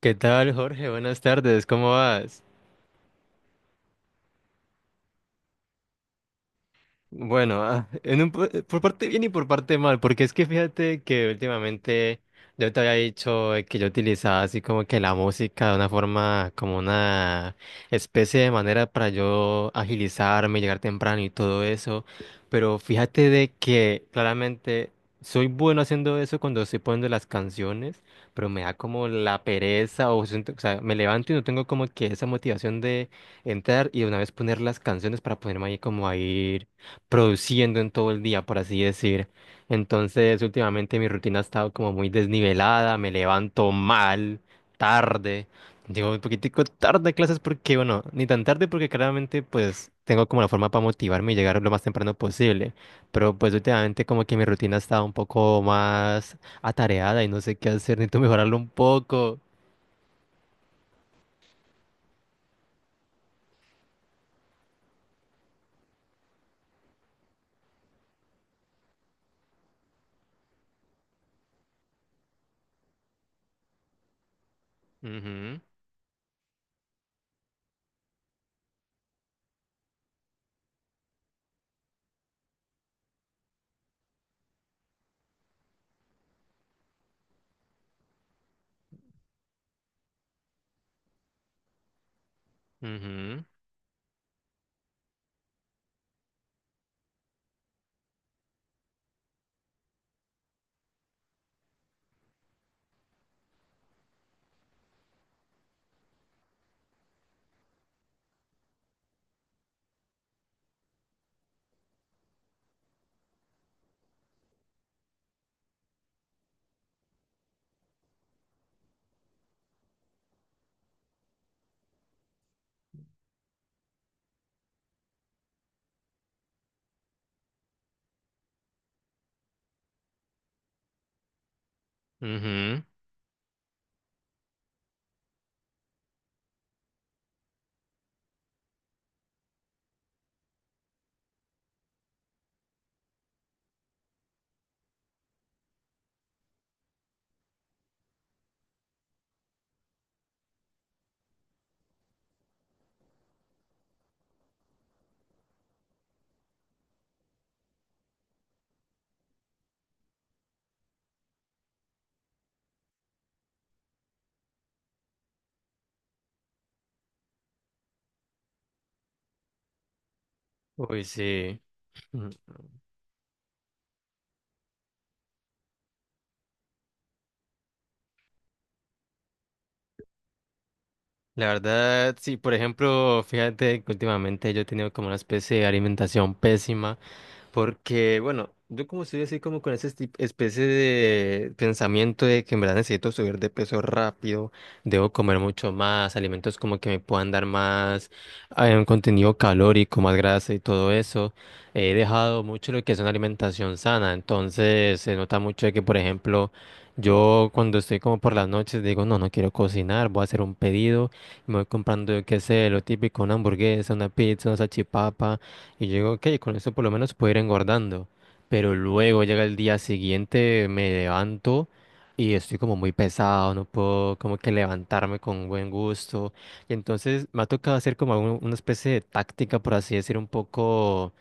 ¿Qué tal, Jorge? Buenas tardes, ¿cómo vas? Bueno, por parte bien y por parte mal, porque es que fíjate que últimamente yo te había dicho que yo utilizaba así como que la música de una forma, como una especie de manera para yo agilizarme, llegar temprano y todo eso, pero fíjate de que claramente soy bueno haciendo eso cuando estoy poniendo las canciones, pero me da como la pereza o, o sea, me levanto y no tengo como que esa motivación de entrar y de una vez poner las canciones para ponerme ahí como a ir produciendo en todo el día, por así decir. Entonces, últimamente mi rutina ha estado como muy desnivelada, me levanto mal, tarde, digo un poquitico tarde a clases porque, bueno, ni tan tarde porque claramente pues tengo como la forma para motivarme y llegar lo más temprano posible, pero pues últimamente como que mi rutina ha estado un poco más atareada y no sé qué hacer, necesito mejorarlo un poco. Ujú, ujú, ujú. Uy, sí. La verdad, sí, por ejemplo, fíjate que últimamente yo he tenido como una especie de alimentación pésima. Porque, bueno, yo como estoy así como con esa especie de pensamiento de que en verdad necesito subir de peso rápido, debo comer mucho más, alimentos como que me puedan dar más un contenido calórico, más grasa y todo eso, he dejado mucho lo que es una alimentación sana, entonces se nota mucho de que, por ejemplo, yo cuando estoy como por las noches digo, no, no quiero cocinar, voy a hacer un pedido, y me voy comprando, yo qué sé, lo típico, una hamburguesa, una pizza, una salchipapa. Y yo digo, ok, con eso por lo menos puedo ir engordando. Pero luego llega el día siguiente, me levanto y estoy como muy pesado, no puedo como que levantarme con buen gusto. Y entonces me ha tocado hacer como una especie de táctica, por así decir, un poco,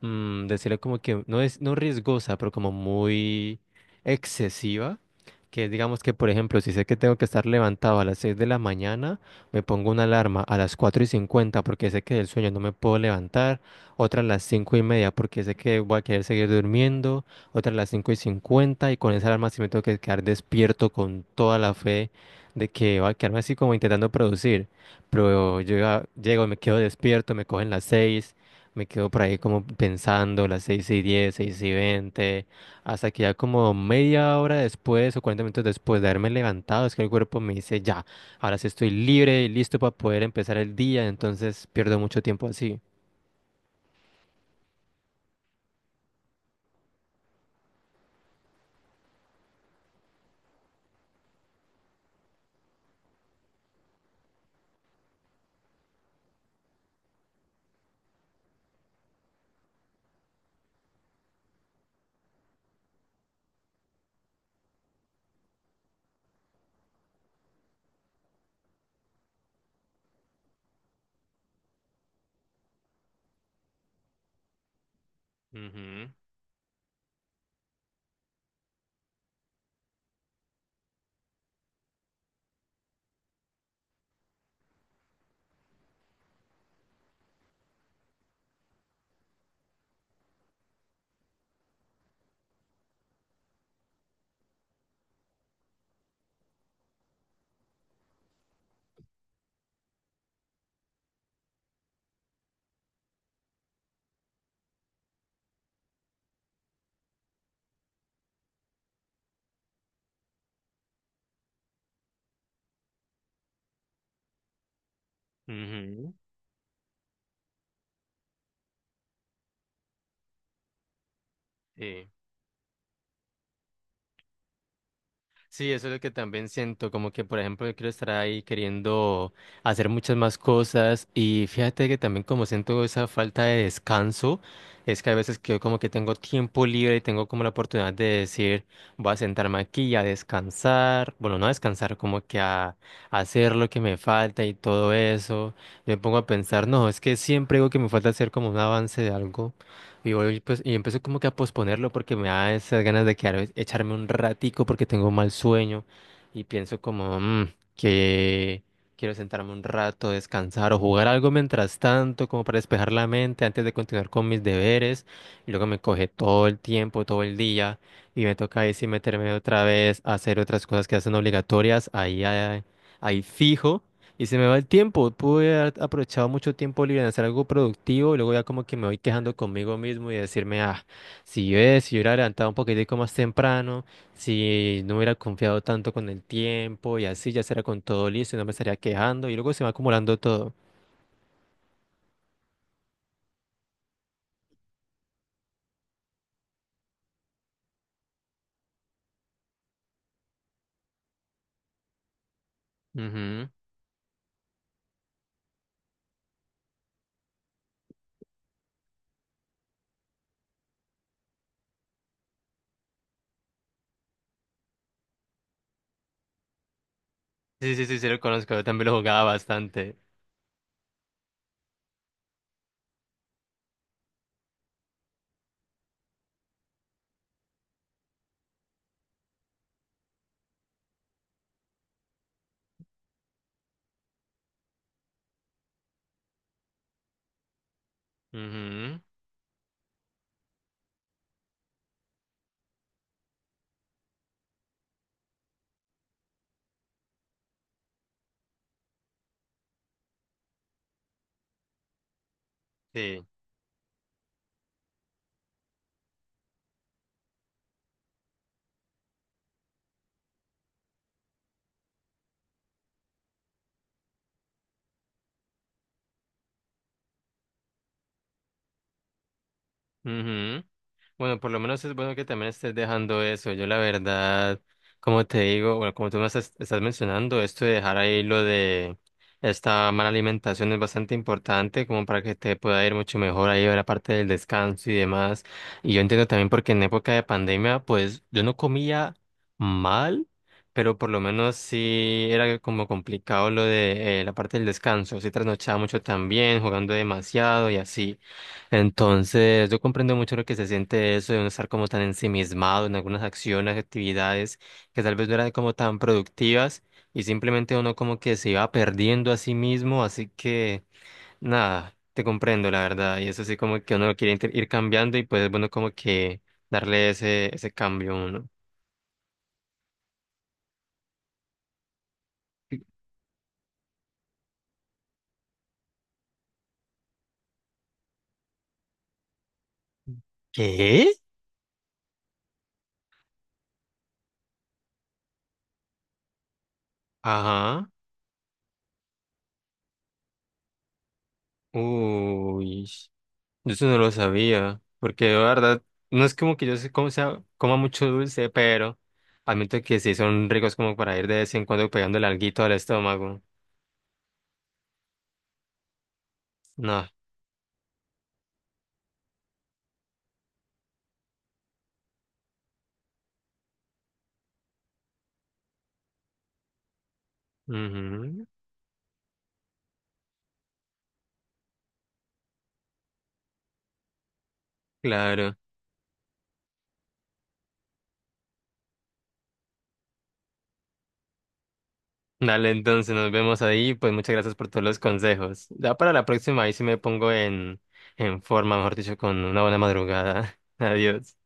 decirle como que no es, no riesgosa, pero como muy excesiva. Que es, digamos que, por ejemplo, si sé que tengo que estar levantado a las 6 de la mañana, me pongo una alarma a las 4:50 porque sé que del sueño no me puedo levantar otra a las 5:30 porque sé que voy a querer seguir durmiendo, otra a las 5:50 y con esa alarma sí me tengo que quedar despierto con toda la fe de que voy a quedarme así como intentando producir, pero yo ya llego, me quedo despierto, me cogen las 6, me quedo por ahí como pensando las 6:10, 6:20, hasta que ya como media hora después o 40 minutos después de haberme levantado es que el cuerpo me dice ya, ahora sí estoy libre y listo para poder empezar el día, entonces pierdo mucho tiempo así. Ujú. Sí. Sí, eso es lo que también siento, como que por ejemplo yo quiero estar ahí queriendo hacer muchas más cosas y fíjate que también como siento esa falta de descanso, es que a veces que yo como que tengo tiempo libre y tengo como la oportunidad de decir, voy a sentarme aquí a descansar, bueno, no a descansar, como que a, hacer lo que me falta y todo eso, yo me pongo a pensar, no, es que siempre digo que me falta hacer como un avance de algo. Y voy, pues, y empecé como que a posponerlo porque me da esas ganas de quedar, echarme un ratico porque tengo mal sueño y pienso como " que quiero sentarme un rato, descansar o jugar algo mientras tanto, como para despejar la mente antes de continuar con mis deberes. Y luego me coge todo el tiempo, todo el día y me toca ahí sí meterme otra vez a hacer otras cosas que hacen obligatorias ahí fijo. Y se me va el tiempo. Pude haber aprovechado mucho tiempo libre en hacer algo productivo y luego ya como que me voy quejando conmigo mismo y decirme, ah, si yo hubiera levantado un poquitico más temprano, si no hubiera confiado tanto con el tiempo y así ya será con todo listo y no me estaría quejando y luego se va acumulando todo. Ujú. Sí, sí, sí, sí lo conozco. Yo también lo jugaba bastante. Ujú. Sí. Ujú. Bueno, por lo menos es bueno que también estés dejando eso. Yo la verdad, como te digo, bueno, como tú me estás, mencionando, esto de dejar ahí lo de esta mala alimentación es bastante importante como para que te pueda ir mucho mejor ahí a la parte del descanso y demás. Y yo entiendo también porque en época de pandemia, pues yo no comía mal, pero por lo menos sí era como complicado lo de la parte del descanso. Sí trasnochaba mucho también, jugando demasiado y así. Entonces, yo comprendo mucho lo que se siente eso de uno estar como tan ensimismado en algunas acciones, actividades que tal vez no eran como tan productivas y simplemente uno como que se iba perdiendo a sí mismo, así que nada, te comprendo la verdad y eso sí como que uno lo quiere ir cambiando y pues es bueno como que darle ese, cambio a uno. ¿Qué? Ajá. Uy. Yo eso no lo sabía, porque de verdad, no es como que yo se como sea, coma mucho dulce, pero admito que sí son ricos como para ir de vez en cuando pegándole alguito al estómago. No, ujú, claro. Dale, entonces nos vemos ahí, pues muchas gracias por todos los consejos. Ya para la próxima ahí sí me pongo en, forma, mejor dicho, con una buena madrugada. Adiós.